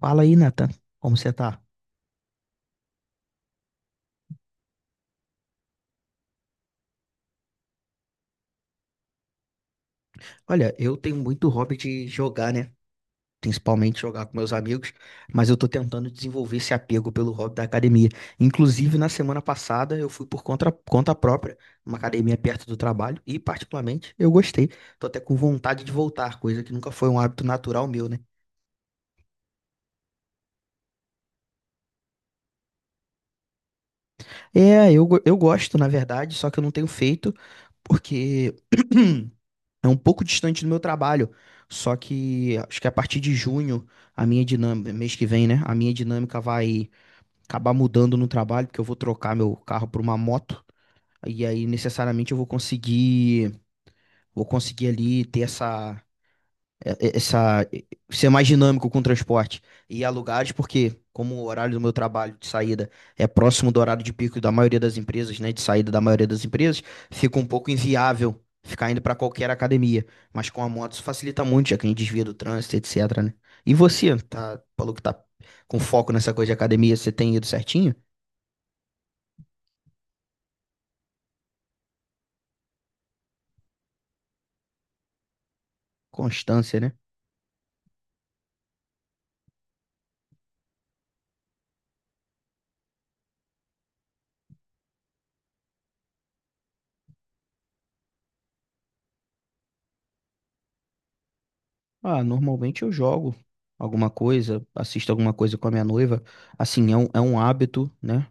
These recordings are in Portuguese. Fala aí, Nathan. Como você tá? Olha, eu tenho muito hobby de jogar, né? Principalmente jogar com meus amigos, mas eu tô tentando desenvolver esse apego pelo hobby da academia. Inclusive, na semana passada, eu fui por conta própria, uma academia perto do trabalho, e particularmente eu gostei. Tô até com vontade de voltar, coisa que nunca foi um hábito natural meu, né? É, eu gosto, na verdade, só que eu não tenho feito, porque é um pouco distante do meu trabalho, só que acho que a partir de junho, a minha dinâmica, mês que vem, né? A minha dinâmica vai acabar mudando no trabalho, porque eu vou trocar meu carro por uma moto, e aí necessariamente eu vou conseguir ali ter essa, ser mais dinâmico com o transporte e ir a lugares, porque como o horário do meu trabalho de saída é próximo do horário de pico da maioria das empresas, né, de saída da maioria das empresas, fica um pouco inviável ficar indo para qualquer academia, mas com a moto isso facilita muito, já que a gente desvia do trânsito, etc, né? E você, tá, falou que tá com foco nessa coisa de academia, você tem ido certinho? Constância, né? Ah, normalmente eu jogo alguma coisa, assisto alguma coisa com a minha noiva. Assim, é um hábito, né?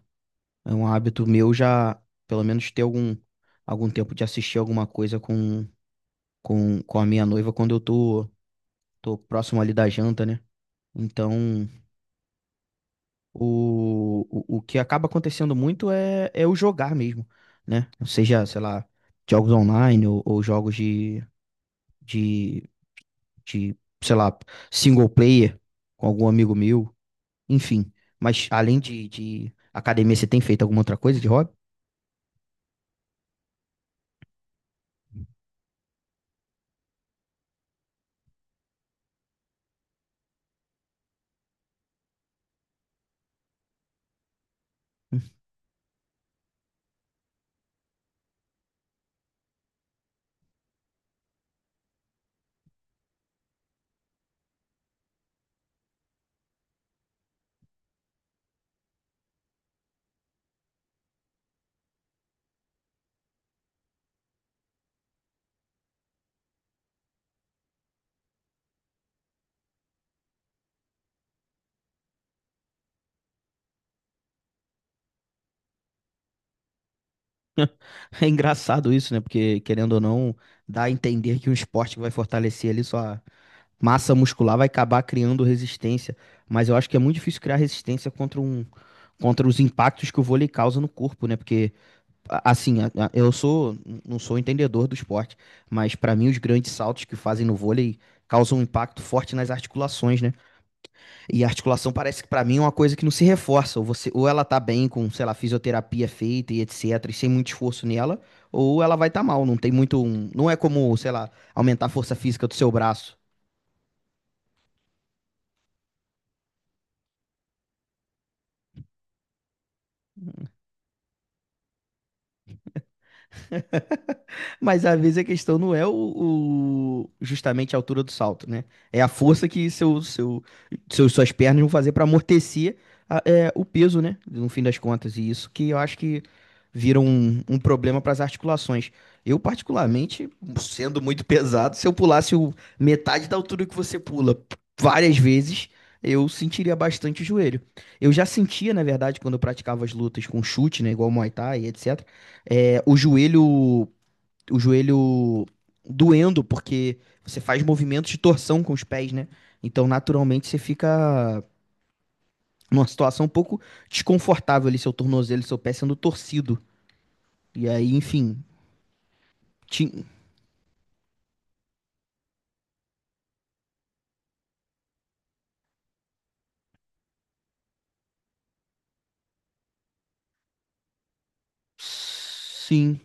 É um hábito meu já, pelo menos ter algum tempo de assistir alguma coisa com a minha noiva quando eu tô próximo ali da janta, né? Então, o que acaba acontecendo muito é o jogar mesmo, né? Seja, sei lá, jogos online ou jogos de, de sei lá, single player com algum amigo meu, enfim. Mas além de academia, você tem feito alguma outra coisa de hobby? É engraçado isso, né? Porque, querendo ou não, dá a entender que um esporte que vai fortalecer ali sua massa muscular vai acabar criando resistência. Mas eu acho que é muito difícil criar resistência contra os impactos que o vôlei causa no corpo, né? Porque, assim, não sou entendedor do esporte, mas para mim os grandes saltos que fazem no vôlei causam um impacto forte nas articulações, né? E a articulação parece que pra mim é uma coisa que não se reforça. Ou ela tá bem com, sei lá, fisioterapia feita e etc, e sem muito esforço nela, ou ela vai estar tá mal. Não tem muito. Não é como, sei lá, aumentar a força física do seu braço. Mas às vezes a questão não é justamente a altura do salto, né? É a força que suas pernas vão fazer para amortecer o peso, né? No fim das contas. E isso que eu acho que vira um problema para as articulações. Eu, particularmente, sendo muito pesado, se eu pulasse metade da altura que você pula várias vezes, eu sentiria bastante o joelho. Eu já sentia, na verdade, quando eu praticava as lutas com chute, né? Igual Muay Thai, etc. é, o joelho o joelho doendo, porque você faz movimentos de torção com os pés, né? Então, naturalmente, você fica numa situação um pouco desconfortável ali, seu tornozelo, seu pé sendo torcido. E aí, enfim. ti- Sim.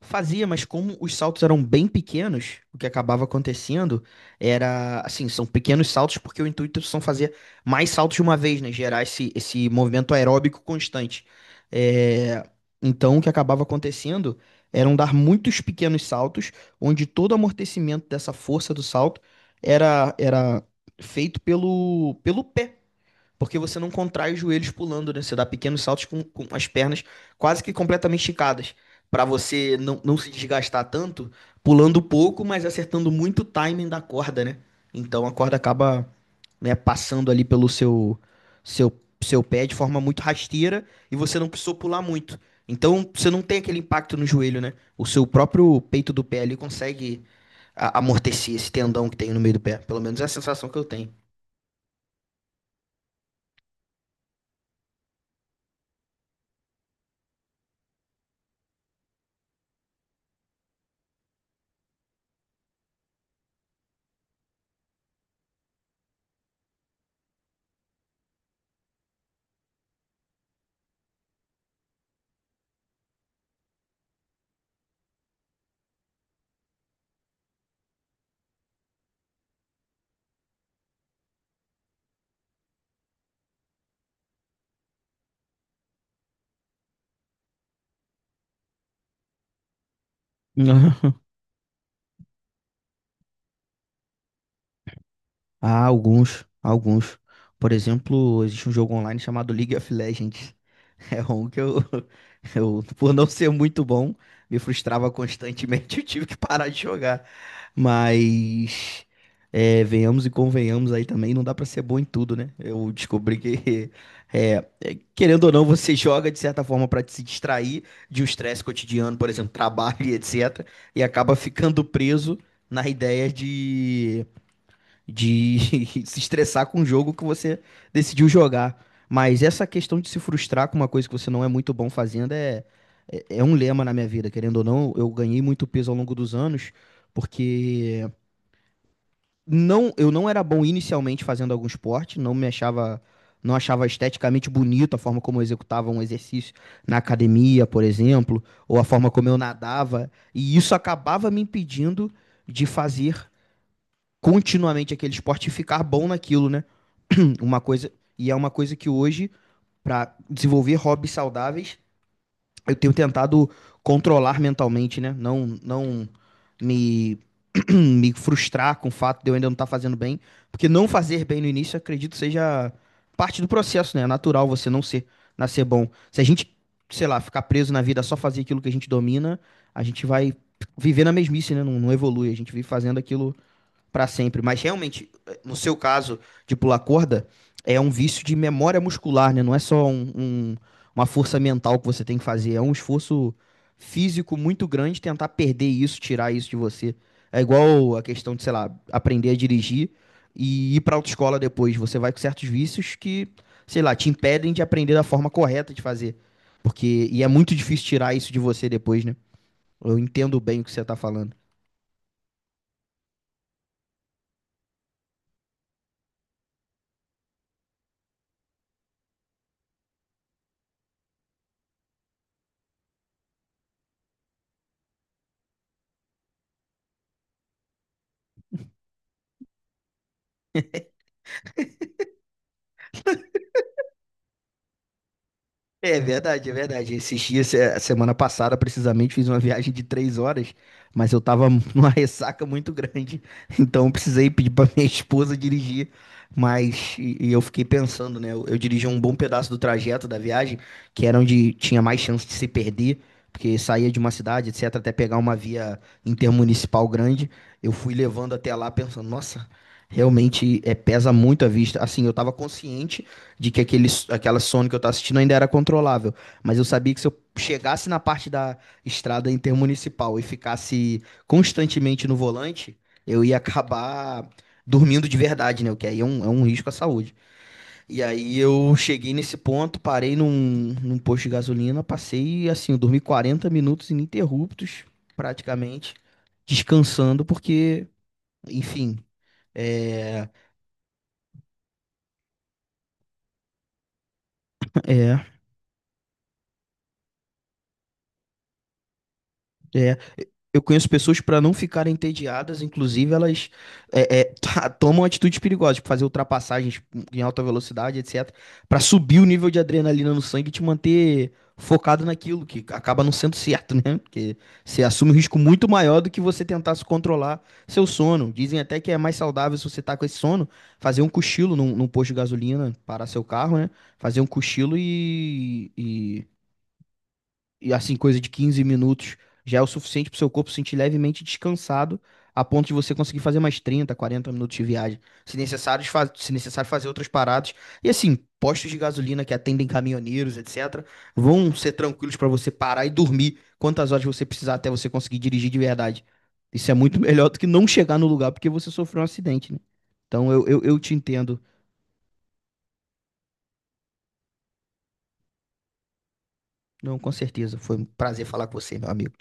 Fazia, mas como os saltos eram bem pequenos, o que acabava acontecendo era, assim, são pequenos saltos porque o intuito são fazer mais saltos de uma vez, né? Gerar esse movimento aeróbico constante. É, Então, o que acabava acontecendo eram dar muitos pequenos saltos, onde todo o amortecimento dessa força do salto era feito pelo pé. Porque você não contrai os joelhos pulando, né? Você dá pequenos saltos com as pernas quase que completamente esticadas, para você não se desgastar tanto, pulando pouco, mas acertando muito o timing da corda, né? Então a corda acaba, né, passando ali pelo seu, seu pé de forma muito rasteira e você não precisou pular muito. Então você não tem aquele impacto no joelho, né? O seu próprio peito do pé ali consegue amortecer esse tendão que tem no meio do pé. Pelo menos é a sensação que eu tenho. Há alguns, alguns. Por exemplo, existe um jogo online chamado League of Legends. É um que eu, eu, por não ser muito bom, me frustrava constantemente. Eu tive que parar de jogar. Mas, venhamos e convenhamos aí também, não dá pra ser bom em tudo, né? Eu descobri que, querendo ou não, você joga de certa forma pra se distrair de um estresse cotidiano, por exemplo, trabalho e etc. E acaba ficando preso na ideia de se estressar com o jogo que você decidiu jogar. Mas essa questão de se frustrar com uma coisa que você não é muito bom fazendo é um lema na minha vida, querendo ou não. Eu ganhei muito peso ao longo dos anos, porque não, eu não era bom inicialmente fazendo algum esporte, não me achava. Não achava esteticamente bonito a forma como eu executava um exercício na academia, por exemplo, ou a forma como eu nadava. E isso acabava me impedindo de fazer continuamente aquele esporte e ficar bom naquilo, né? Uma coisa, e é uma coisa que hoje, para desenvolver hobbies saudáveis, eu tenho tentado controlar mentalmente, né? Não me, me frustrar com o fato de eu ainda não estar fazendo bem, porque não fazer bem no início, acredito, seja parte do processo, né? É natural você não ser, nascer bom. Se a gente, sei lá, ficar preso na vida só fazer aquilo que a gente domina, a gente vai viver na mesmice, né? Não evolui. A gente vive fazendo aquilo para sempre. Mas realmente, no seu caso de pular corda, é um vício de memória muscular, né? Não é só uma força mental que você tem que fazer, é um esforço físico muito grande tentar perder isso, tirar isso de você. É igual a questão de, sei lá, aprender a dirigir e ir para autoescola depois. Você vai com certos vícios que, sei lá, te impedem de aprender da forma correta de fazer. E é muito difícil tirar isso de você depois, né? Eu entendo bem o que você tá falando. É verdade, é verdade. Esses dias, semana passada, precisamente, fiz uma viagem de 3 horas, mas eu tava numa ressaca muito grande, então eu precisei pedir pra minha esposa dirigir. Mas e eu fiquei pensando, né? Eu dirigi um bom pedaço do trajeto da viagem, que era onde tinha mais chance de se perder, porque saía de uma cidade, etc., até pegar uma via intermunicipal grande. Eu fui levando até lá pensando, nossa, realmente pesa muito a vista. Assim, eu tava consciente de que aquela Sony que eu tava assistindo ainda era controlável. Mas eu sabia que se eu chegasse na parte da estrada intermunicipal e ficasse constantemente no volante, eu ia acabar dormindo de verdade, né? O que aí é um risco à saúde. E aí eu cheguei nesse ponto, parei num posto de gasolina, passei assim, eu dormi 40 minutos ininterruptos, praticamente, descansando, porque, enfim. É, é, é. Eu conheço pessoas para não ficarem entediadas, inclusive elas tomam atitudes perigosas, tipo fazer ultrapassagens em alta velocidade, etc, para subir o nível de adrenalina no sangue e te manter focado naquilo, que acaba não sendo certo, né? Porque você assume um risco muito maior do que você tentar se controlar seu sono. Dizem até que é mais saudável se você tá com esse sono, fazer um cochilo num posto de gasolina, parar seu carro, né? Fazer um cochilo e assim, coisa de 15 minutos já é o suficiente para o seu corpo se sentir levemente descansado, a ponto de você conseguir fazer mais 30, 40 minutos de viagem. Se necessário, fazer outras paradas. E assim, postos de gasolina que atendem caminhoneiros, etc., vão ser tranquilos para você parar e dormir quantas horas você precisar até você conseguir dirigir de verdade. Isso é muito melhor do que não chegar no lugar porque você sofreu um acidente, né? Então eu te entendo. Não, com certeza. Foi um prazer falar com você, meu amigo.